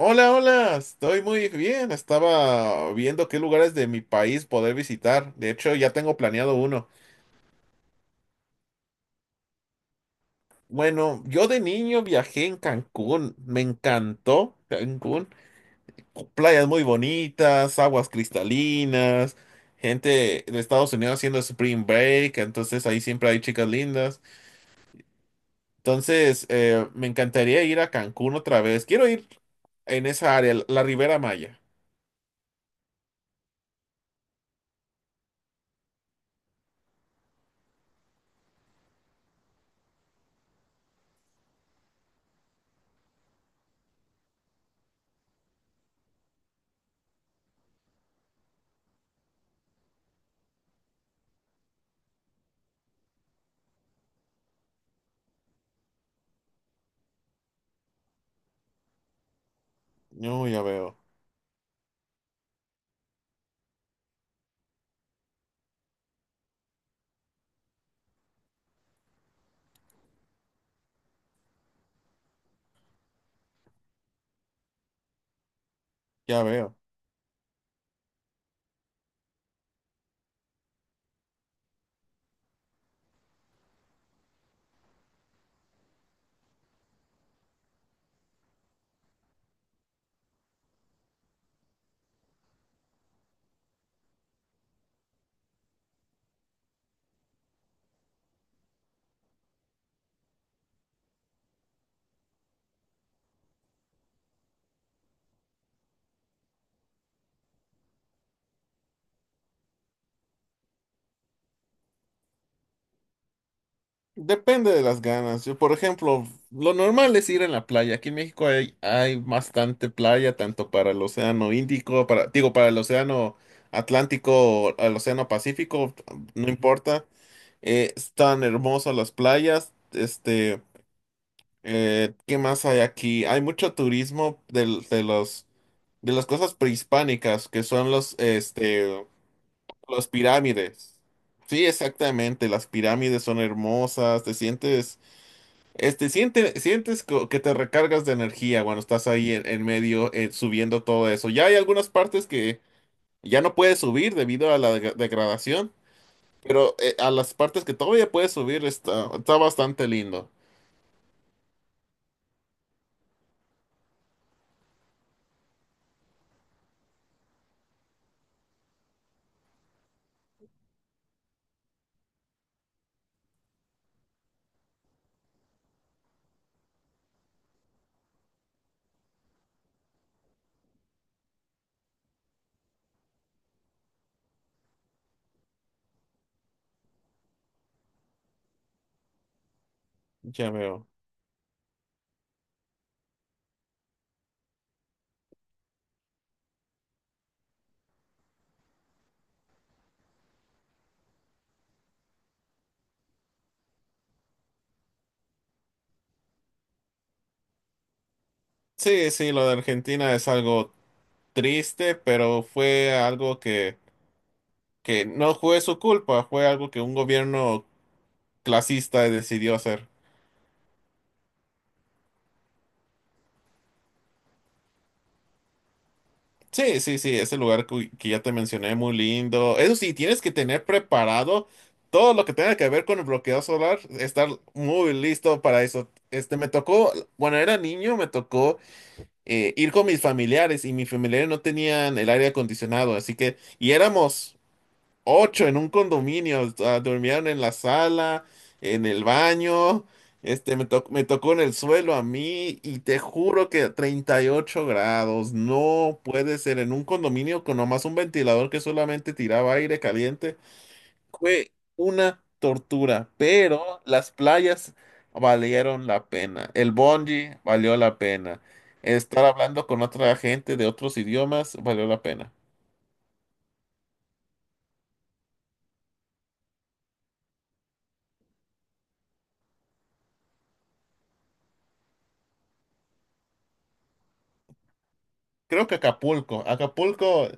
Hola, hola, estoy muy bien. Estaba viendo qué lugares de mi país poder visitar. De hecho, ya tengo planeado uno. Bueno, yo de niño viajé en Cancún. Me encantó Cancún. Playas muy bonitas, aguas cristalinas, gente de Estados Unidos haciendo spring break. Entonces ahí siempre hay chicas lindas. Entonces, me encantaría ir a Cancún otra vez. Quiero ir en esa área, la Ribera Maya. No, ya veo, ya veo. Depende de las ganas. Yo, por ejemplo, lo normal es ir en la playa. Aquí en México hay bastante playa, tanto para el Océano Índico, para, digo, para el Océano Atlántico o el Océano Pacífico, no importa. Están hermosas las playas. Este, ¿qué más hay aquí? Hay mucho turismo de los de las cosas prehispánicas, que son los, este, los pirámides. Sí, exactamente, las pirámides son hermosas, te sientes este, sientes que te recargas de energía cuando estás ahí en medio subiendo todo eso. Ya hay algunas partes que ya no puedes subir debido a la degradación, pero a las partes que todavía puedes subir está bastante lindo. Ya veo. Sí, sí, lo de Argentina es algo triste, pero fue algo que no fue su culpa, fue algo que un gobierno clasista decidió hacer. Sí, sí, sí, ese lugar que ya te mencioné, muy lindo. Eso sí, tienes que tener preparado todo lo que tenga que ver con el bloqueo solar, estar muy listo para eso. Este, cuando era niño, me tocó ir con mis familiares y mis familiares no tenían el aire acondicionado, así que, y éramos ocho en un condominio. Ah, durmieron en la sala, en el baño. Este, me tocó en el suelo a mí y te juro que a 38 grados. No puede ser en un condominio con nomás un ventilador que solamente tiraba aire caliente. Fue una tortura, pero las playas valieron la pena. El bungee valió la pena. Estar hablando con otra gente de otros idiomas valió la pena. Creo que Acapulco. Acapulco.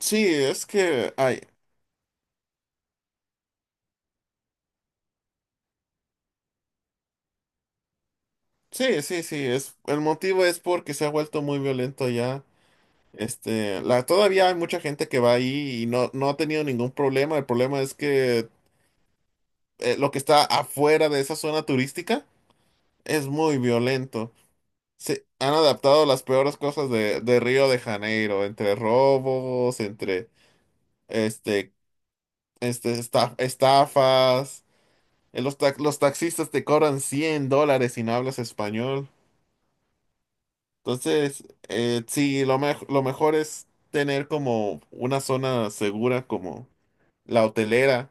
Sí, es que hay. Sí, sí, sí. Es, el motivo es porque se ha vuelto muy violento ya. Este, la, todavía hay mucha gente que va ahí y no, no ha tenido ningún problema. El problema es que lo que está afuera de esa zona turística es muy violento. Se han adaptado las peores cosas de Río de Janeiro, entre robos, entre este, este, estafas. Los taxistas te cobran $100 si no hablas español. Entonces, sí, lo mejor es tener como una zona segura como la hotelera.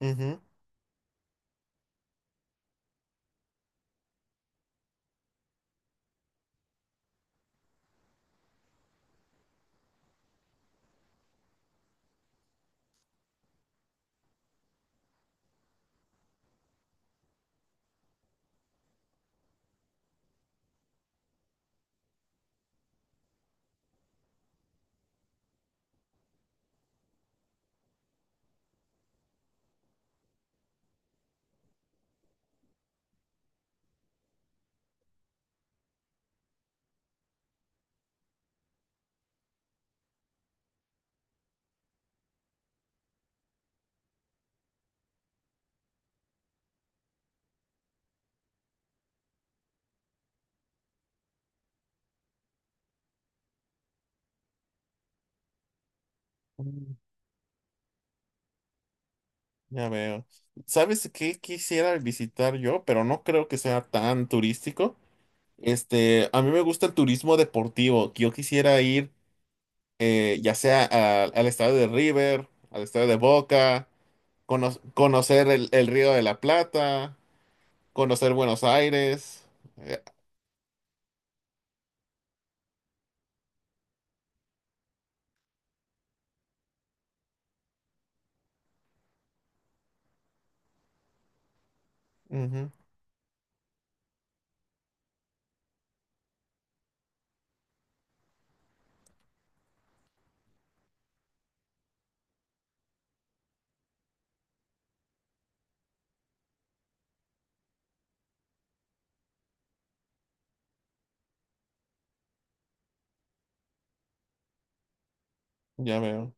Ujú. Mm, ya veo. ¿Sabes qué quisiera visitar yo? Pero no creo que sea tan turístico. Este, a mí me gusta el turismo deportivo. Que Yo quisiera ir ya sea al estado de River, al estado de Boca, conocer el Río de la Plata, conocer Buenos Aires. Eh, ujú, Ya veo.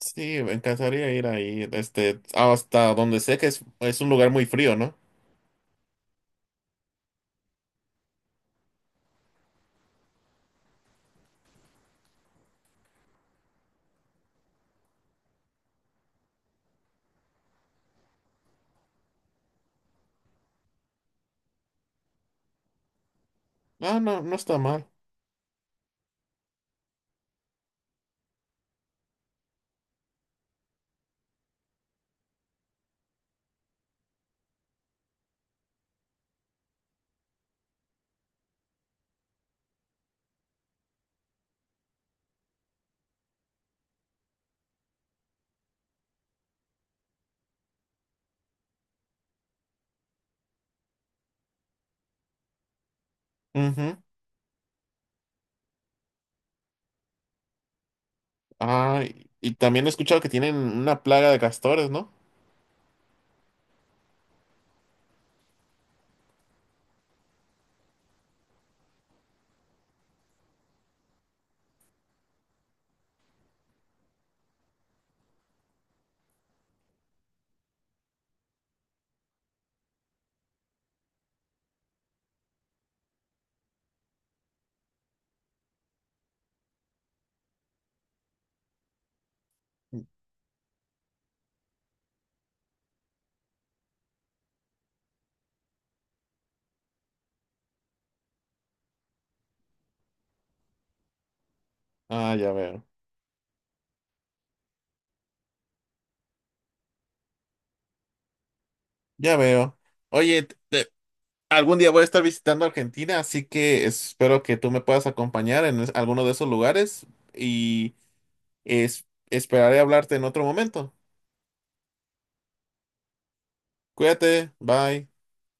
Sí, me encantaría ir ahí, este, hasta donde sé que es un lugar muy frío, ¿no? Ah, no, no está mal. Ujú. Ah, y también he escuchado que tienen una plaga de castores, ¿no? Ah, ya veo, ya veo. Oye, algún día voy a estar visitando Argentina, así que espero que tú me puedas acompañar en alguno de esos lugares y esperaré hablarte en otro momento. Cuídate, bye.